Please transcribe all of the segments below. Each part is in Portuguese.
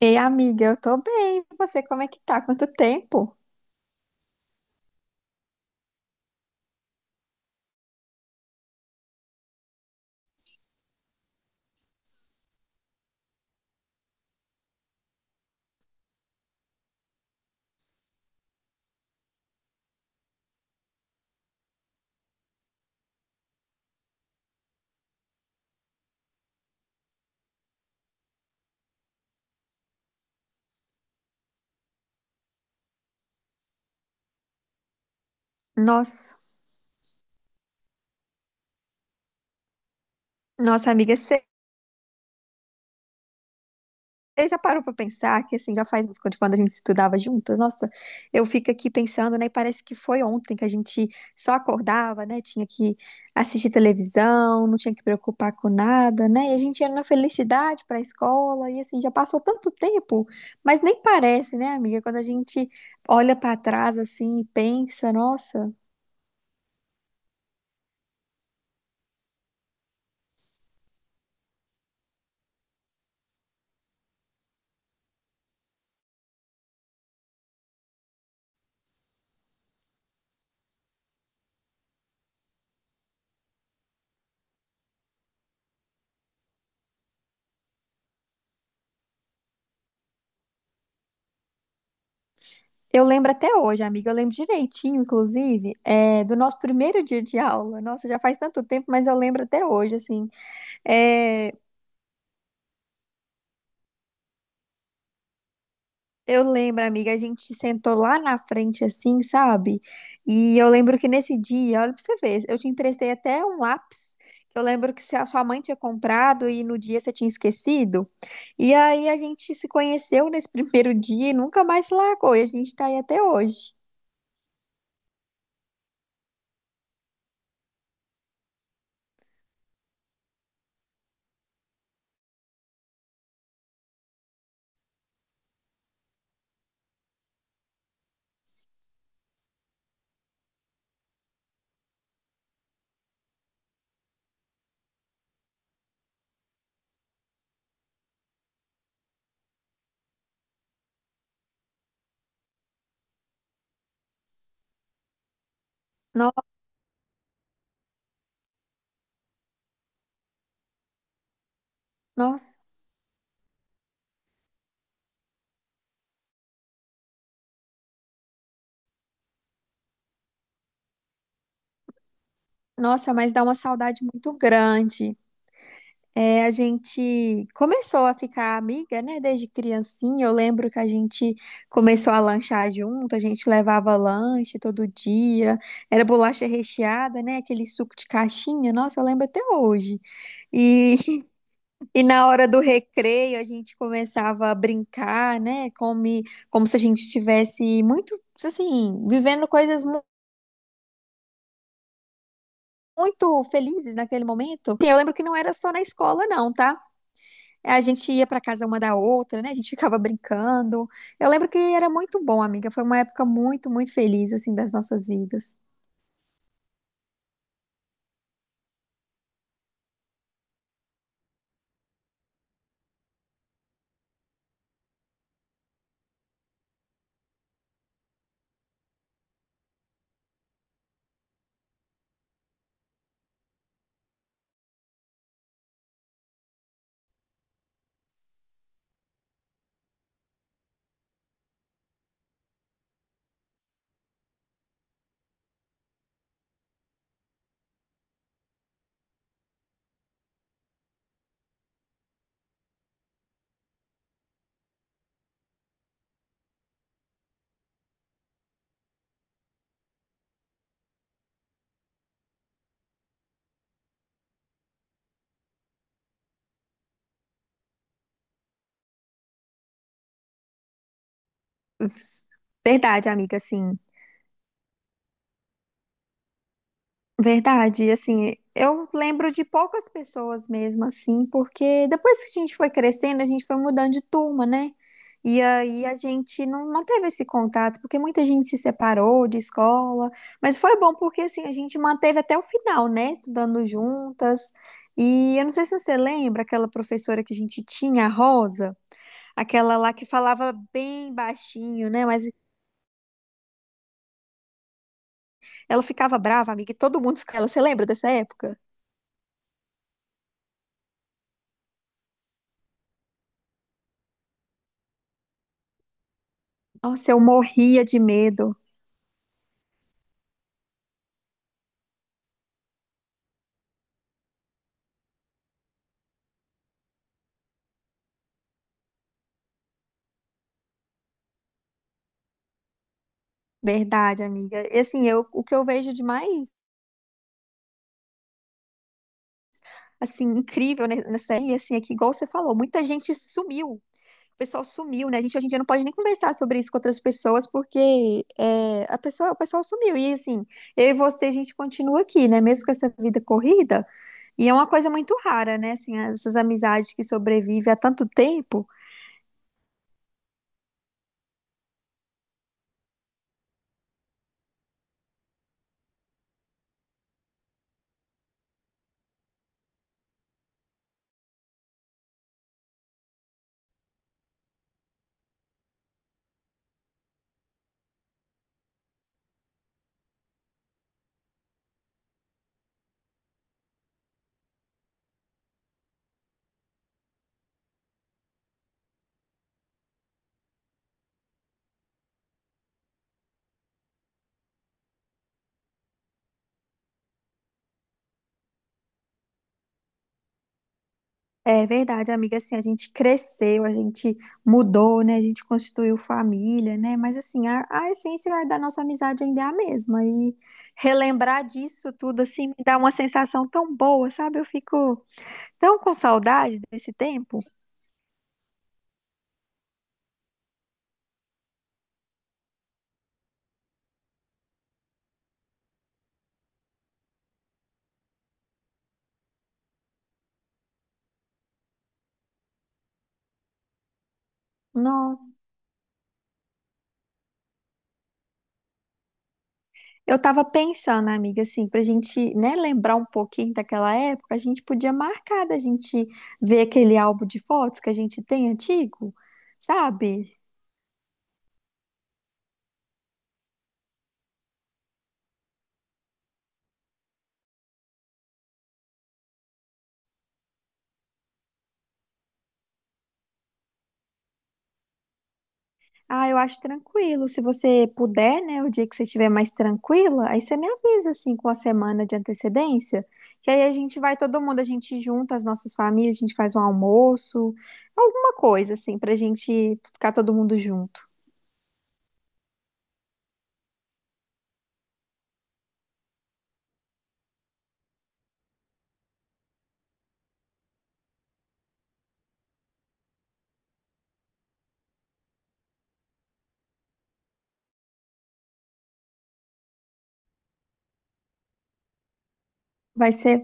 Ei, amiga, eu tô bem. E você, como é que tá? Quanto tempo? Nossa, nossa amiga, você já parou pra pensar que assim, já faz uns quando a gente estudava juntas? Nossa, eu fico aqui pensando, né? Parece que foi ontem que a gente só acordava, né? Tinha que assistir televisão, não tinha que preocupar com nada, né? E a gente ia na felicidade pra escola e assim, já passou tanto tempo, mas nem parece, né, amiga? Quando a gente olha pra trás assim e pensa, nossa. Eu lembro até hoje, amiga, eu lembro direitinho, inclusive, é, do nosso primeiro dia de aula. Nossa, já faz tanto tempo, mas eu lembro até hoje, assim. É, eu lembro, amiga, a gente sentou lá na frente, assim, sabe? E eu lembro que nesse dia, olha pra você ver, eu te emprestei até um lápis. Que Eu lembro que se a sua mãe tinha comprado e no dia você tinha esquecido. E aí a gente se conheceu nesse primeiro dia e nunca mais se largou. E a gente tá aí até hoje. No- Nossa, nossa, mas dá uma saudade muito grande. É, a gente começou a ficar amiga, né? Desde criancinha. Eu lembro que a gente começou a lanchar junto, a gente levava lanche todo dia. Era bolacha recheada, né? Aquele suco de caixinha. Nossa, eu lembro até hoje. E, e na hora do recreio, a gente começava a brincar, né? Como, como se a gente estivesse muito, assim, vivendo coisas muito felizes naquele momento. E eu lembro que não era só na escola, não, tá? A gente ia para casa uma da outra, né? A gente ficava brincando. Eu lembro que era muito bom, amiga. Foi uma época muito, muito feliz, assim, das nossas vidas. Verdade, amiga, assim. Verdade, e assim, eu lembro de poucas pessoas mesmo assim, porque depois que a gente foi crescendo, a gente foi mudando de turma, né? E aí a gente não manteve esse contato, porque muita gente se separou de escola, mas foi bom porque assim, a gente manteve até o final, né? Estudando juntas. E eu não sei se você lembra aquela professora que a gente tinha, a Rosa, aquela lá que falava bem baixinho, né? Mas ela ficava brava, amiga, e todo mundo ficava. Você lembra dessa época? Nossa, eu morria de medo. Verdade, amiga. E assim, eu, o que eu vejo de mais assim incrível nessa aí, assim, é que igual você falou, muita gente sumiu. O pessoal sumiu, né? A gente hoje em dia não pode nem conversar sobre isso com outras pessoas, porque é, a pessoa, o pessoal sumiu. E assim, eu e você, a gente continua aqui, né? Mesmo com essa vida corrida. E é uma coisa muito rara, né? Assim, essas amizades que sobrevivem há tanto tempo. É verdade, amiga. Assim, a gente cresceu, a gente mudou, né? A gente constituiu família, né? Mas assim, a essência da nossa amizade ainda é a mesma. E relembrar disso tudo assim me dá uma sensação tão boa, sabe? Eu fico tão com saudade desse tempo. Nossa. Eu tava pensando, amiga, assim, pra gente, né, lembrar um pouquinho daquela época, a gente podia marcar da gente ver aquele álbum de fotos que a gente tem antigo, sabe? Ah, eu acho tranquilo. Se você puder, né, o dia que você estiver mais tranquila, aí você me avisa, assim, com a semana de antecedência, que aí a gente vai todo mundo, a gente junta as nossas famílias, a gente faz um almoço, alguma coisa, assim, pra gente ficar todo mundo junto. Vai ser.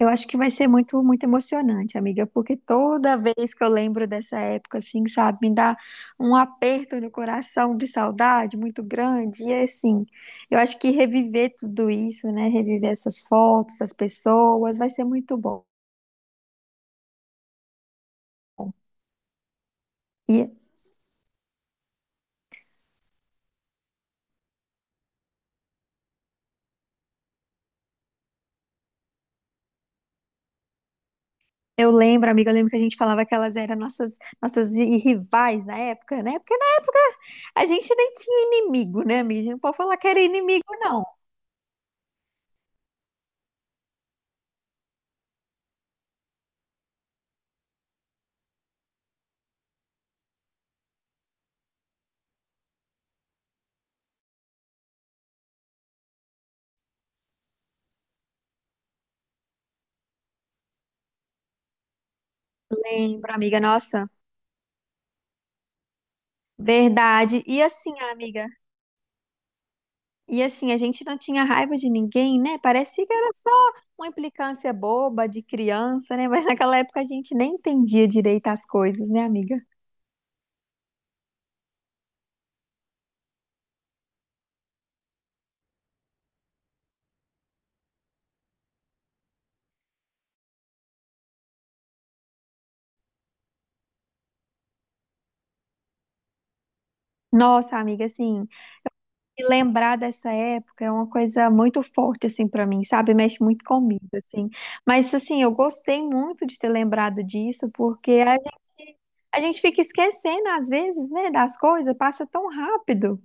Eu acho que vai ser muito, muito emocionante, amiga, porque toda vez que eu lembro dessa época, assim, sabe, me dá um aperto no coração de saudade muito grande. E é assim, eu acho que reviver tudo isso, né, reviver essas fotos, as pessoas, vai ser muito bom. E eu lembro, amiga, eu lembro que a gente falava que elas eram nossas, nossas rivais na época, né? Porque na época a gente nem tinha inimigo, né, amiga? A gente não pode falar que era inimigo, não. Lembro, amiga, nossa. Verdade. E assim, amiga. E assim, a gente não tinha raiva de ninguém, né? Parecia que era só uma implicância boba de criança, né? Mas naquela época a gente nem entendia direito as coisas, né, amiga? Nossa, amiga, assim, e lembrar dessa época é uma coisa muito forte, assim, pra mim, sabe? Mexe muito comigo, assim. Mas, assim, eu gostei muito de ter lembrado disso, porque a gente fica esquecendo, às vezes, né, das coisas, passa tão rápido.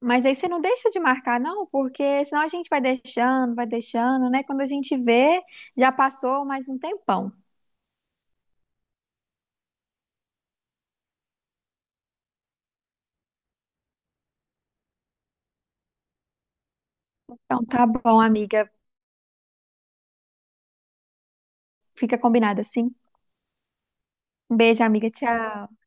Mas aí você não deixa de marcar, não, porque senão a gente vai deixando, né? Quando a gente vê, já passou mais um tempão. Então tá bom, amiga. Fica combinado assim. Um beijo, amiga. Tchau.